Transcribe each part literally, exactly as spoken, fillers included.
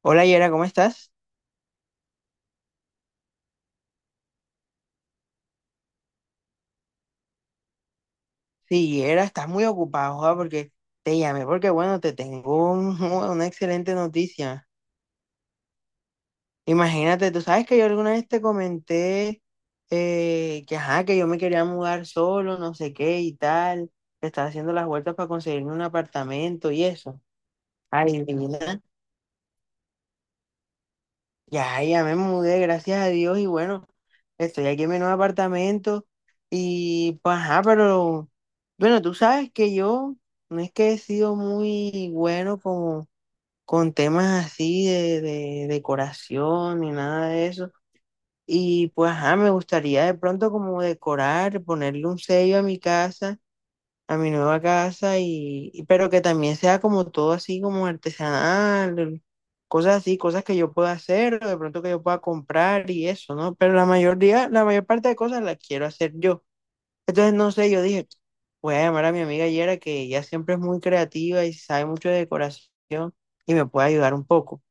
Hola, Yera, ¿cómo estás? Sí, Yera, estás muy ocupado, joda, porque te llamé porque, bueno, te tengo un- una excelente noticia. Imagínate, tú sabes que yo alguna vez te comenté eh, que, ajá, que yo me quería mudar solo, no sé qué y tal. Que Estaba haciendo las vueltas para conseguirme un apartamento y eso. Ay, divina. Ya, ya me mudé, gracias a Dios, y bueno, estoy aquí en mi nuevo apartamento y pues, ajá, pero bueno, tú sabes que yo no es que he sido muy bueno como con temas así de, de decoración ni nada de eso. Y pues, ajá, me gustaría de pronto como decorar, ponerle un sello a mi casa, a mi nueva casa y, y- pero que también sea como todo así como artesanal, cosas así, cosas que yo pueda hacer o de pronto que yo pueda comprar y eso, ¿no? Pero la mayoría, la mayor parte de cosas las quiero hacer yo. Entonces, no sé, yo dije, voy a llamar a mi amiga Yera, que ella siempre es muy creativa y sabe mucho de decoración y me puede ayudar un poco.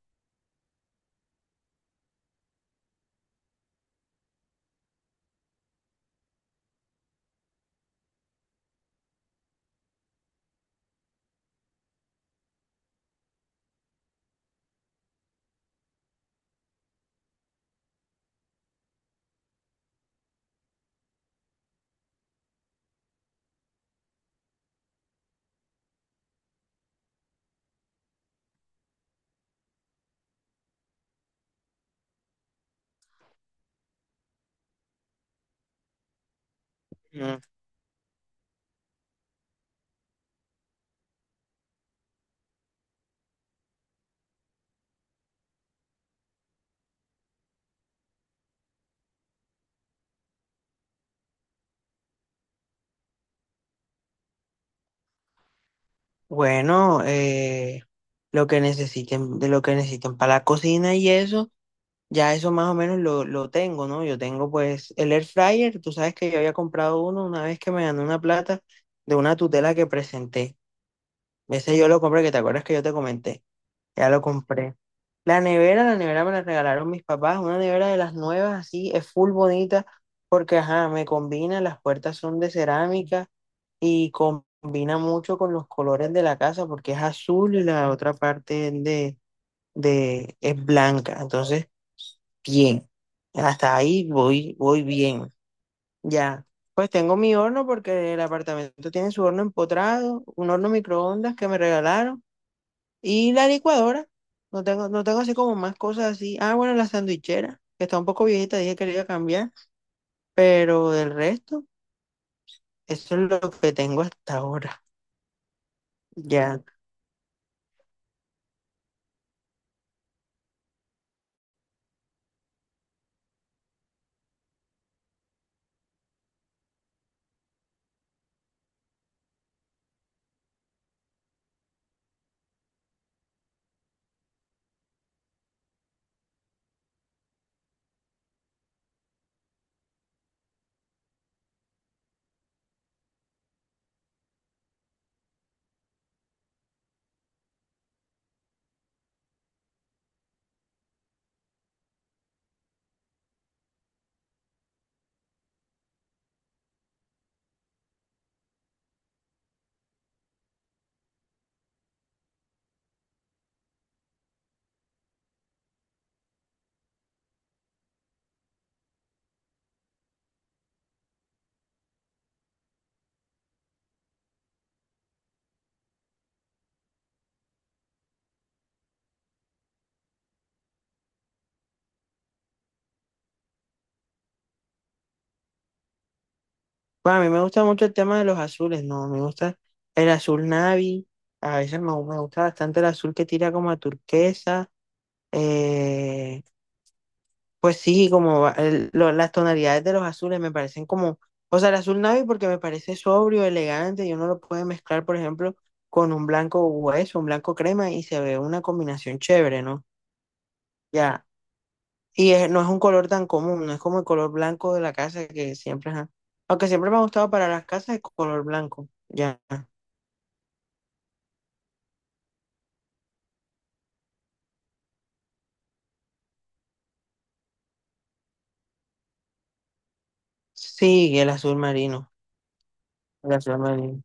Mm. Bueno, eh, lo que necesiten, de lo que necesiten para la cocina y eso. Ya eso más o menos lo, lo tengo, ¿no? Yo tengo pues el air fryer, tú sabes que yo había comprado uno una vez que me gané una plata de una tutela que presenté. Ese yo lo compré, que te acuerdas que yo te comenté, ya lo compré. La nevera, la nevera me la regalaron mis papás, una nevera de las nuevas, así, es full bonita, porque ajá, me combina, las puertas son de cerámica y combina mucho con los colores de la casa, porque es azul y la otra parte de, de, es blanca, entonces bien. Hasta ahí voy, voy bien. Ya. Pues tengo mi horno porque el apartamento tiene su horno empotrado, un horno microondas que me regalaron y la licuadora. No tengo, no tengo así como más cosas así. Ah, bueno, la sandwichera, que está un poco viejita, dije que le iba a cambiar, pero del resto, eso es lo que tengo hasta ahora. Ya. Bueno, a mí me gusta mucho el tema de los azules, ¿no? Me gusta el azul navy, a veces me, me gusta bastante el azul que tira como a turquesa. Eh, Pues sí, como va- el- lo- las tonalidades de los azules me parecen como, o sea, el azul navy porque me parece sobrio, elegante, y uno lo puede mezclar, por ejemplo, con un blanco hueso, un blanco crema, y se ve una combinación chévere, ¿no? Ya, y es- no es un color tan común, no es como el color blanco de la casa que siempre, ajá. Aunque siempre me ha gustado para las casas el color blanco, ya. Sí, el azul marino, el azul marino,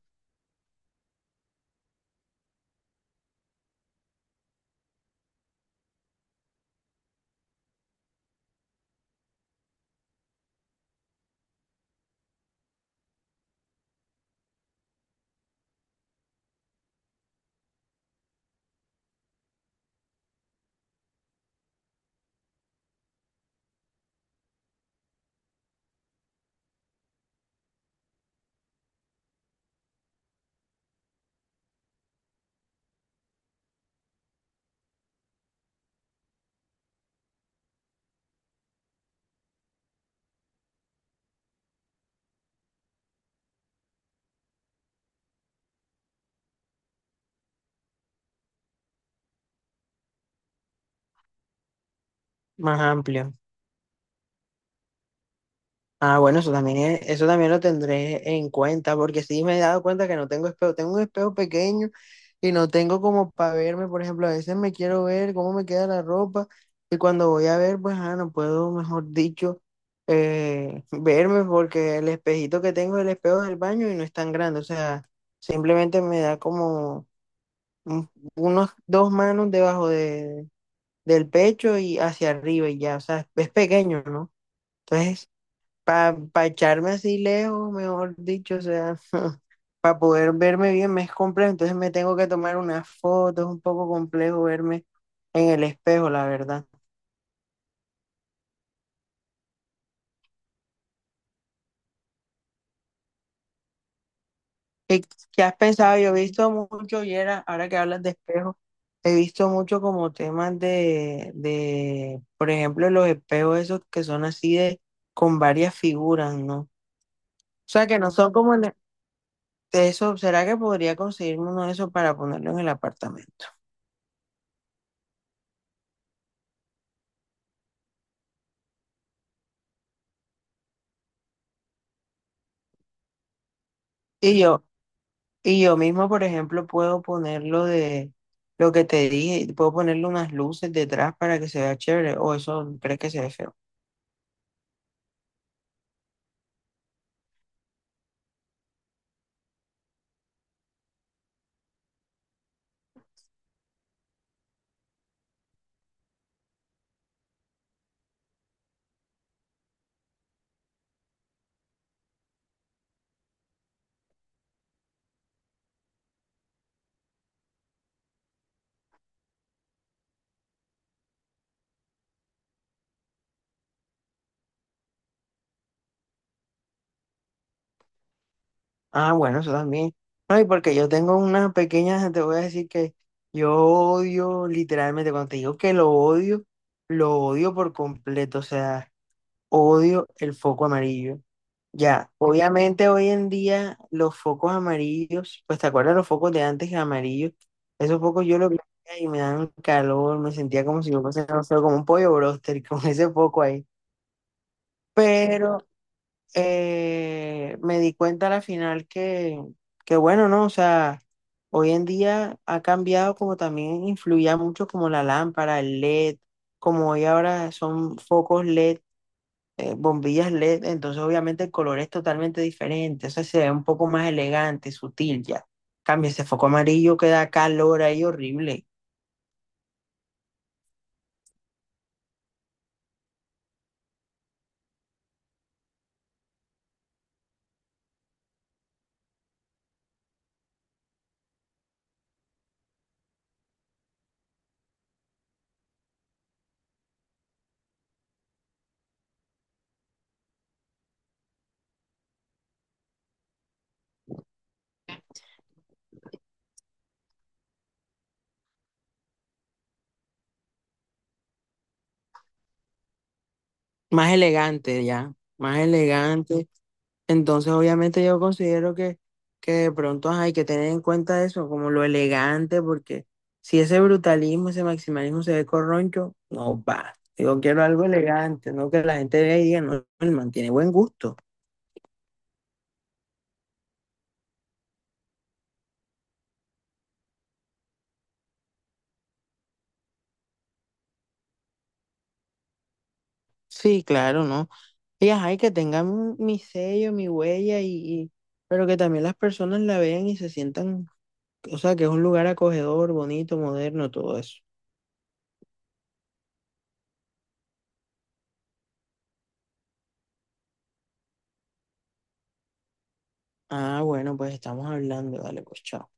más amplio. Ah, bueno, eso también es- eso también lo tendré en cuenta, porque sí me he dado cuenta que no tengo espejo, tengo un espejo pequeño y no tengo como para verme, por ejemplo, a veces me quiero ver cómo me queda la ropa y cuando voy a ver, pues, ah, no puedo, mejor dicho, eh, verme porque el espejito que tengo es el espejo del baño y no es tan grande, o sea, simplemente me da como un- unos dos manos debajo de, del pecho y hacia arriba y ya, o sea, es pequeño, ¿no? Entonces para echarme así lejos, mejor dicho, o sea, para poder verme bien me es complejo, entonces me tengo que tomar unas fotos, es un poco complejo verme en el espejo, la verdad. ¿Qué, ¿qué has pensado? Yo he visto mucho, y era, ahora que hablas de espejo, he visto mucho como temas de, de, por ejemplo, los espejos esos que son así de, con varias figuras, ¿no? O sea, que no son como... en- e, de Eso, ¿será que podría conseguirme uno de esos para ponerlo en el apartamento? Y yo, Y yo mismo, por ejemplo, puedo ponerlo de lo que te dije, puedo ponerle unas luces detrás para que se vea chévere, o eso crees que se ve feo. Ah, bueno, eso también. No, y porque yo tengo unas pequeñas, te voy a decir que yo odio, literalmente, cuando te digo que lo odio, lo odio por completo, o sea, odio el foco amarillo. Ya, obviamente hoy en día los focos amarillos, pues te acuerdas los focos de antes amarillos, esos focos yo los veía y me daban calor, me sentía como si yo pasara no sé, como un pollo bróster con ese foco ahí. Pero eh, me di cuenta al final que, que bueno, ¿no? O sea, hoy en día ha cambiado, como también influía mucho como la lámpara, el L E D, como hoy ahora son focos L E D, eh, bombillas L E D, entonces obviamente el color es totalmente diferente, o sea, se ve un poco más elegante, sutil ya. Cambia ese foco amarillo que da calor ahí horrible, más elegante ya, más elegante. Entonces obviamente yo considero que, que de pronto ajá, hay que tener en cuenta eso, como lo elegante, porque si ese brutalismo, ese maximalismo se ve corroncho, no va. Yo quiero algo elegante, no que la gente vea y diga, no, él mantiene buen gusto. Sí, claro, ¿no? Y ajá, y que tengan un- mi sello, mi huella, y, y- pero que también las personas la vean y se sientan, o sea, que es un lugar acogedor, bonito, moderno, todo eso. Ah, bueno, pues estamos hablando, dale, pues chao.